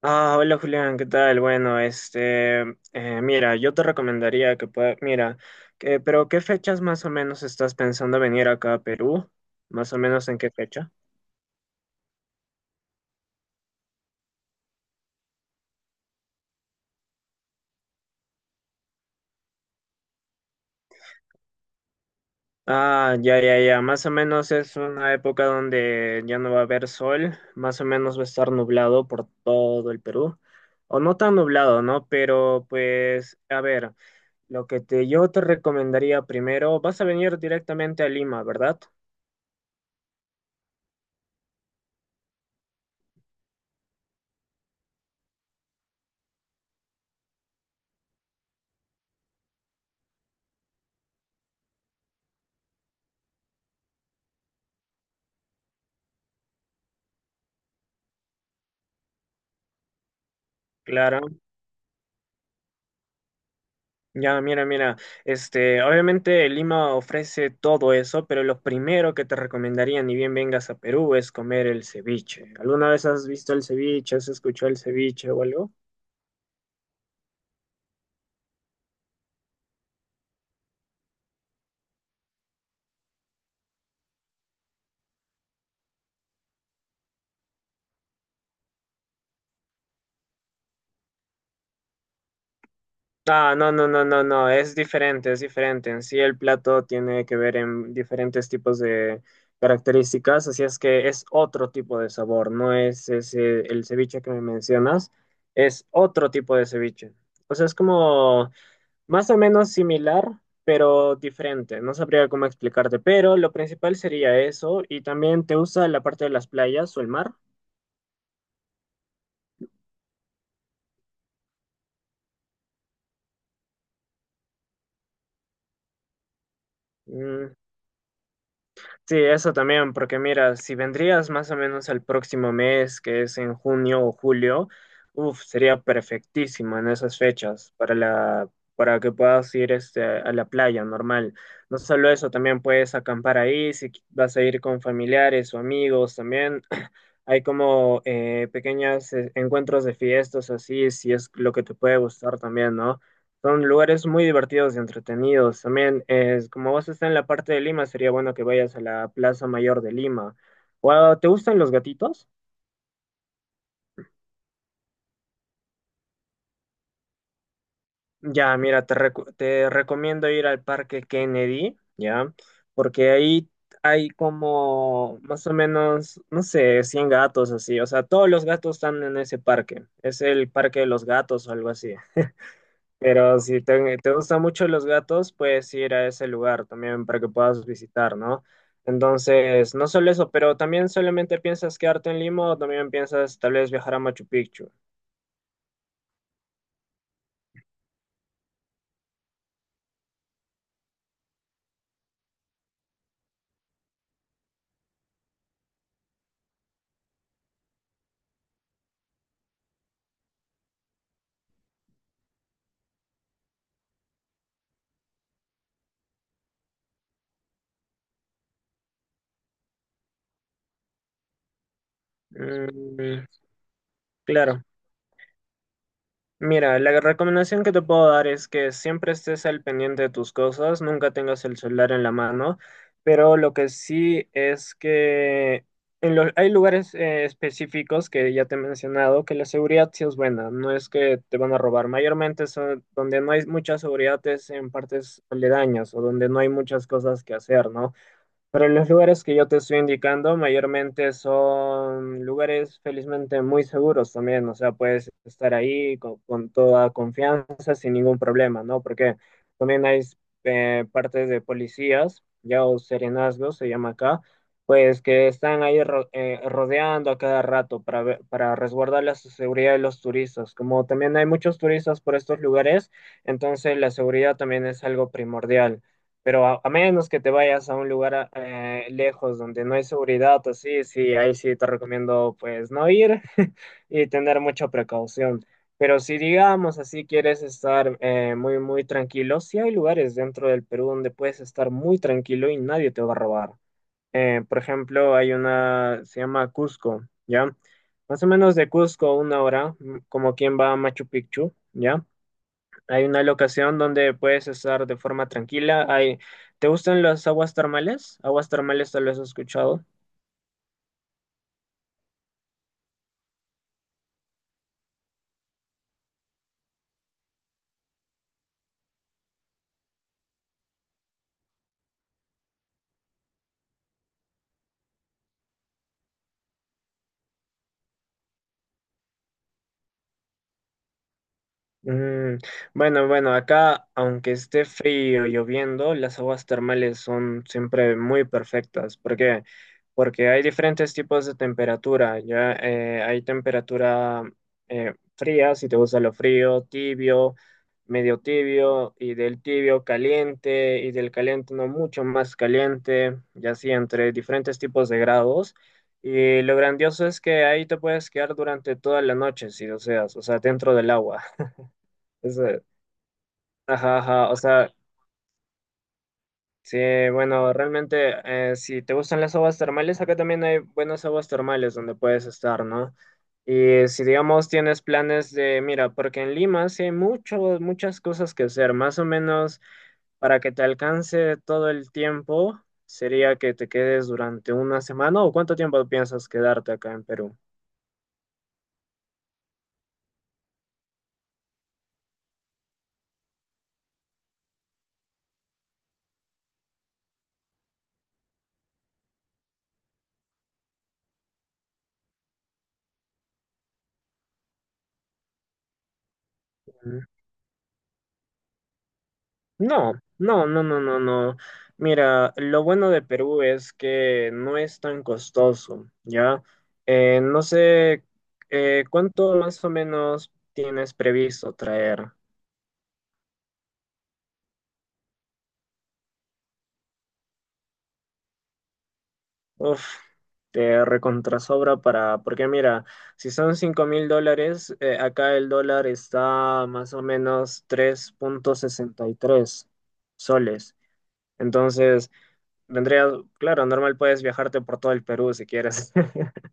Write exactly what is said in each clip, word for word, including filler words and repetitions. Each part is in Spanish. Ah, hola Julián, ¿qué tal? Bueno, este, eh, mira, yo te recomendaría que pueda, mira, que, pero ¿qué fechas más o menos estás pensando venir acá a Perú? ¿Más o menos en qué fecha? Ah, ya, ya, ya, más o menos es una época donde ya no va a haber sol, más o menos va a estar nublado por todo el Perú, o no tan nublado, ¿no? Pero pues, a ver. Lo que te, yo te recomendaría primero, vas a venir directamente a Lima, ¿verdad? Claro. Ya, mira, mira, este, obviamente Lima ofrece todo eso, pero lo primero que te recomendaría, ni bien vengas a Perú, es comer el ceviche. ¿Alguna vez has visto el ceviche? ¿Has escuchado el ceviche o algo? Ah, no, no, no, no, no, es diferente, es diferente. En sí el plato tiene que ver en diferentes tipos de características, así es que es otro tipo de sabor, no es ese, el ceviche que me mencionas, es otro tipo de ceviche. O sea, es como más o menos similar, pero diferente. No sabría cómo explicarte, pero lo principal sería eso. Y también te gusta la parte de las playas o el mar. Mm, sí, eso también, porque mira, si vendrías más o menos el próximo mes, que es en junio o julio, uf, sería perfectísimo en esas fechas para la, para que puedas ir este, a la playa normal. No solo eso, también puedes acampar ahí, si qui- vas a ir con familiares o amigos también. Hay como eh, pequeños encuentros de fiestas así, si es lo que te puede gustar también, ¿no? Son lugares muy divertidos y entretenidos. También, es, como vos estás en la parte de Lima, sería bueno que vayas a la Plaza Mayor de Lima. ¿O, ah, ¿Te gustan los gatitos? Ya, mira, te, recu- te recomiendo ir al Parque Kennedy, ¿ya? Porque ahí hay como más o menos, no sé, cien gatos así. O sea, todos los gatos están en ese parque. Es el Parque de los Gatos o algo así. Pero si te, te gustan mucho los gatos, puedes ir a ese lugar también para que puedas visitar, ¿no? Entonces, no solo eso, pero también solamente piensas quedarte en Lima o también piensas tal vez viajar a Machu Picchu. Mm, claro. Mira, la recomendación que te puedo dar es que siempre estés al pendiente de tus cosas, nunca tengas el celular en la mano, pero lo que sí es que en lo- hay lugares eh, específicos que ya te he mencionado que la seguridad sí es buena, no es que te van a robar. Mayormente son, donde no hay mucha seguridad es en partes aledañas o donde no hay muchas cosas que hacer, ¿no? Pero los lugares que yo te estoy indicando mayormente son lugares felizmente muy seguros también, o sea, puedes estar ahí con, con toda confianza, sin ningún problema, ¿no? Porque también hay eh, partes de policías, ya o serenazgos se llama acá, pues que están ahí ro- eh, rodeando a cada rato para, ver- para resguardar la seguridad de los turistas. Como también hay muchos turistas por estos lugares, entonces la seguridad también es algo primordial. Pero a, a menos que te vayas a un lugar eh, lejos donde no hay seguridad, así, sí, sí, ahí sí te recomiendo pues no ir y tener mucha precaución. Pero si digamos así quieres estar eh, muy, muy tranquilo, sí hay lugares dentro del Perú donde puedes estar muy tranquilo y nadie te va a robar. Eh, por ejemplo, hay una, se llama Cusco, ¿ya? Más o menos de Cusco una hora, mm, como quien va a Machu Picchu, ¿ya? Hay una locación donde puedes estar de forma tranquila. Hay. ¿Te gustan las aguas termales? Aguas termales tal vez has escuchado. Mm, bueno, bueno, acá, aunque esté frío, lloviendo, las aguas termales son siempre muy perfectas. ¿Por qué? Porque hay diferentes tipos de temperatura, ¿ya? Eh, hay temperatura eh, fría, si te gusta lo frío, tibio, medio tibio, y del tibio caliente, y del caliente no mucho más caliente, y así entre diferentes tipos de grados. Y lo grandioso es que ahí te puedes quedar durante toda la noche, si deseas, o sea, dentro del agua. Eso, ajá, ajá, o sea, sí, bueno, realmente, eh, si te gustan las aguas termales, acá también hay buenas aguas termales donde puedes estar, ¿no? Y si, digamos, tienes planes de, mira, porque en Lima sí hay mucho, muchas cosas que hacer, más o menos para que te alcance todo el tiempo, sería que te quedes durante una semana, ¿o cuánto tiempo piensas quedarte acá en Perú? No, no, no, no, no, no. Mira, lo bueno de Perú es que no es tan costoso, ¿ya? Eh, no sé eh, cuánto más o menos tienes previsto traer. Uf, te recontrasobra para, porque mira, si son cinco mil dólares, eh, acá el dólar está más o menos tres punto sesenta y tres soles. Entonces, vendría, claro, normal puedes viajarte por todo el Perú si quieres.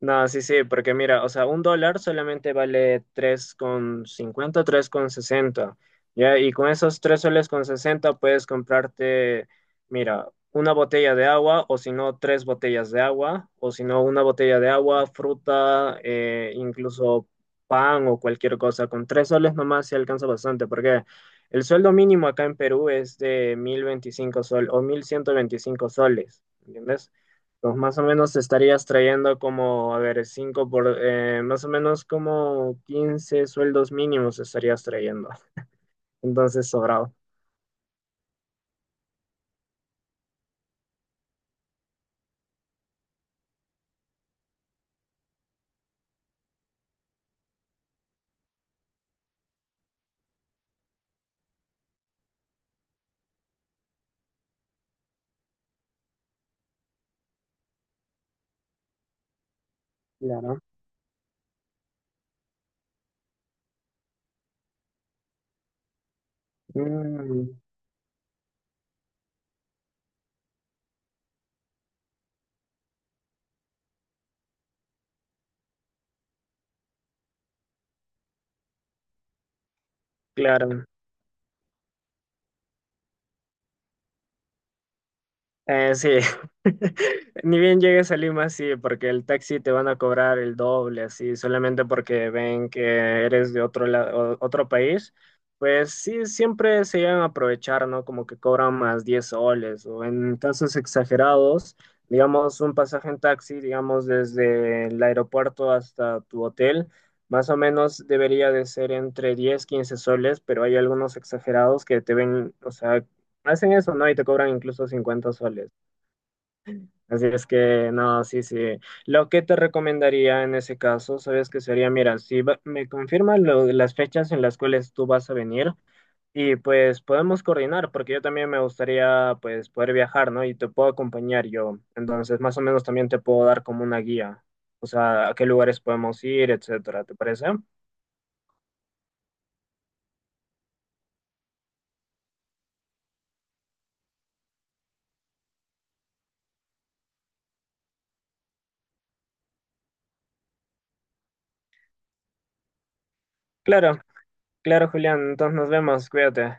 No, sí, sí, porque mira, o sea, un dólar solamente vale tres tres con cincuenta, tres con sesenta, ¿ya? Y con esos tres soles con sesenta puedes comprarte, mira, una botella de agua, o si no, tres botellas de agua, o si no, una botella de agua, fruta, eh, incluso pan o cualquier cosa. Con tres soles nomás se alcanza bastante, porque el sueldo mínimo acá en Perú es de mil veinticinco soles o mil ciento veinticinco soles, ¿entiendes? Pues más o menos te estarías trayendo como, a ver, cinco por, eh, más o menos como quince sueldos mínimos estarías trayendo. Entonces, sobrado. Claro. Mm, claro. Eh, sí, ni bien llegues a Lima, sí, porque el taxi te van a cobrar el doble, así, solamente porque ven que eres de otro la- o- otro país, pues sí, siempre se llegan a aprovechar, ¿no? Como que cobran más diez soles, o en casos exagerados, digamos, un pasaje en taxi, digamos, desde el aeropuerto hasta tu hotel, más o menos debería de ser entre diez quince soles, pero hay algunos exagerados que te ven, o sea, hacen eso, ¿no? Y te cobran incluso cincuenta soles. Así es que no, sí, sí. Lo que te recomendaría en ese caso, sabes que sería, mira, si va- me confirman lo- las fechas en las cuales tú vas a venir y pues podemos coordinar, porque yo también me gustaría pues poder viajar, ¿no? Y te puedo acompañar yo. Entonces, más o menos también te puedo dar como una guía, o sea, a qué lugares podemos ir, etcétera, ¿te parece? Claro, claro, Julián. Entonces nos vemos, cuídate.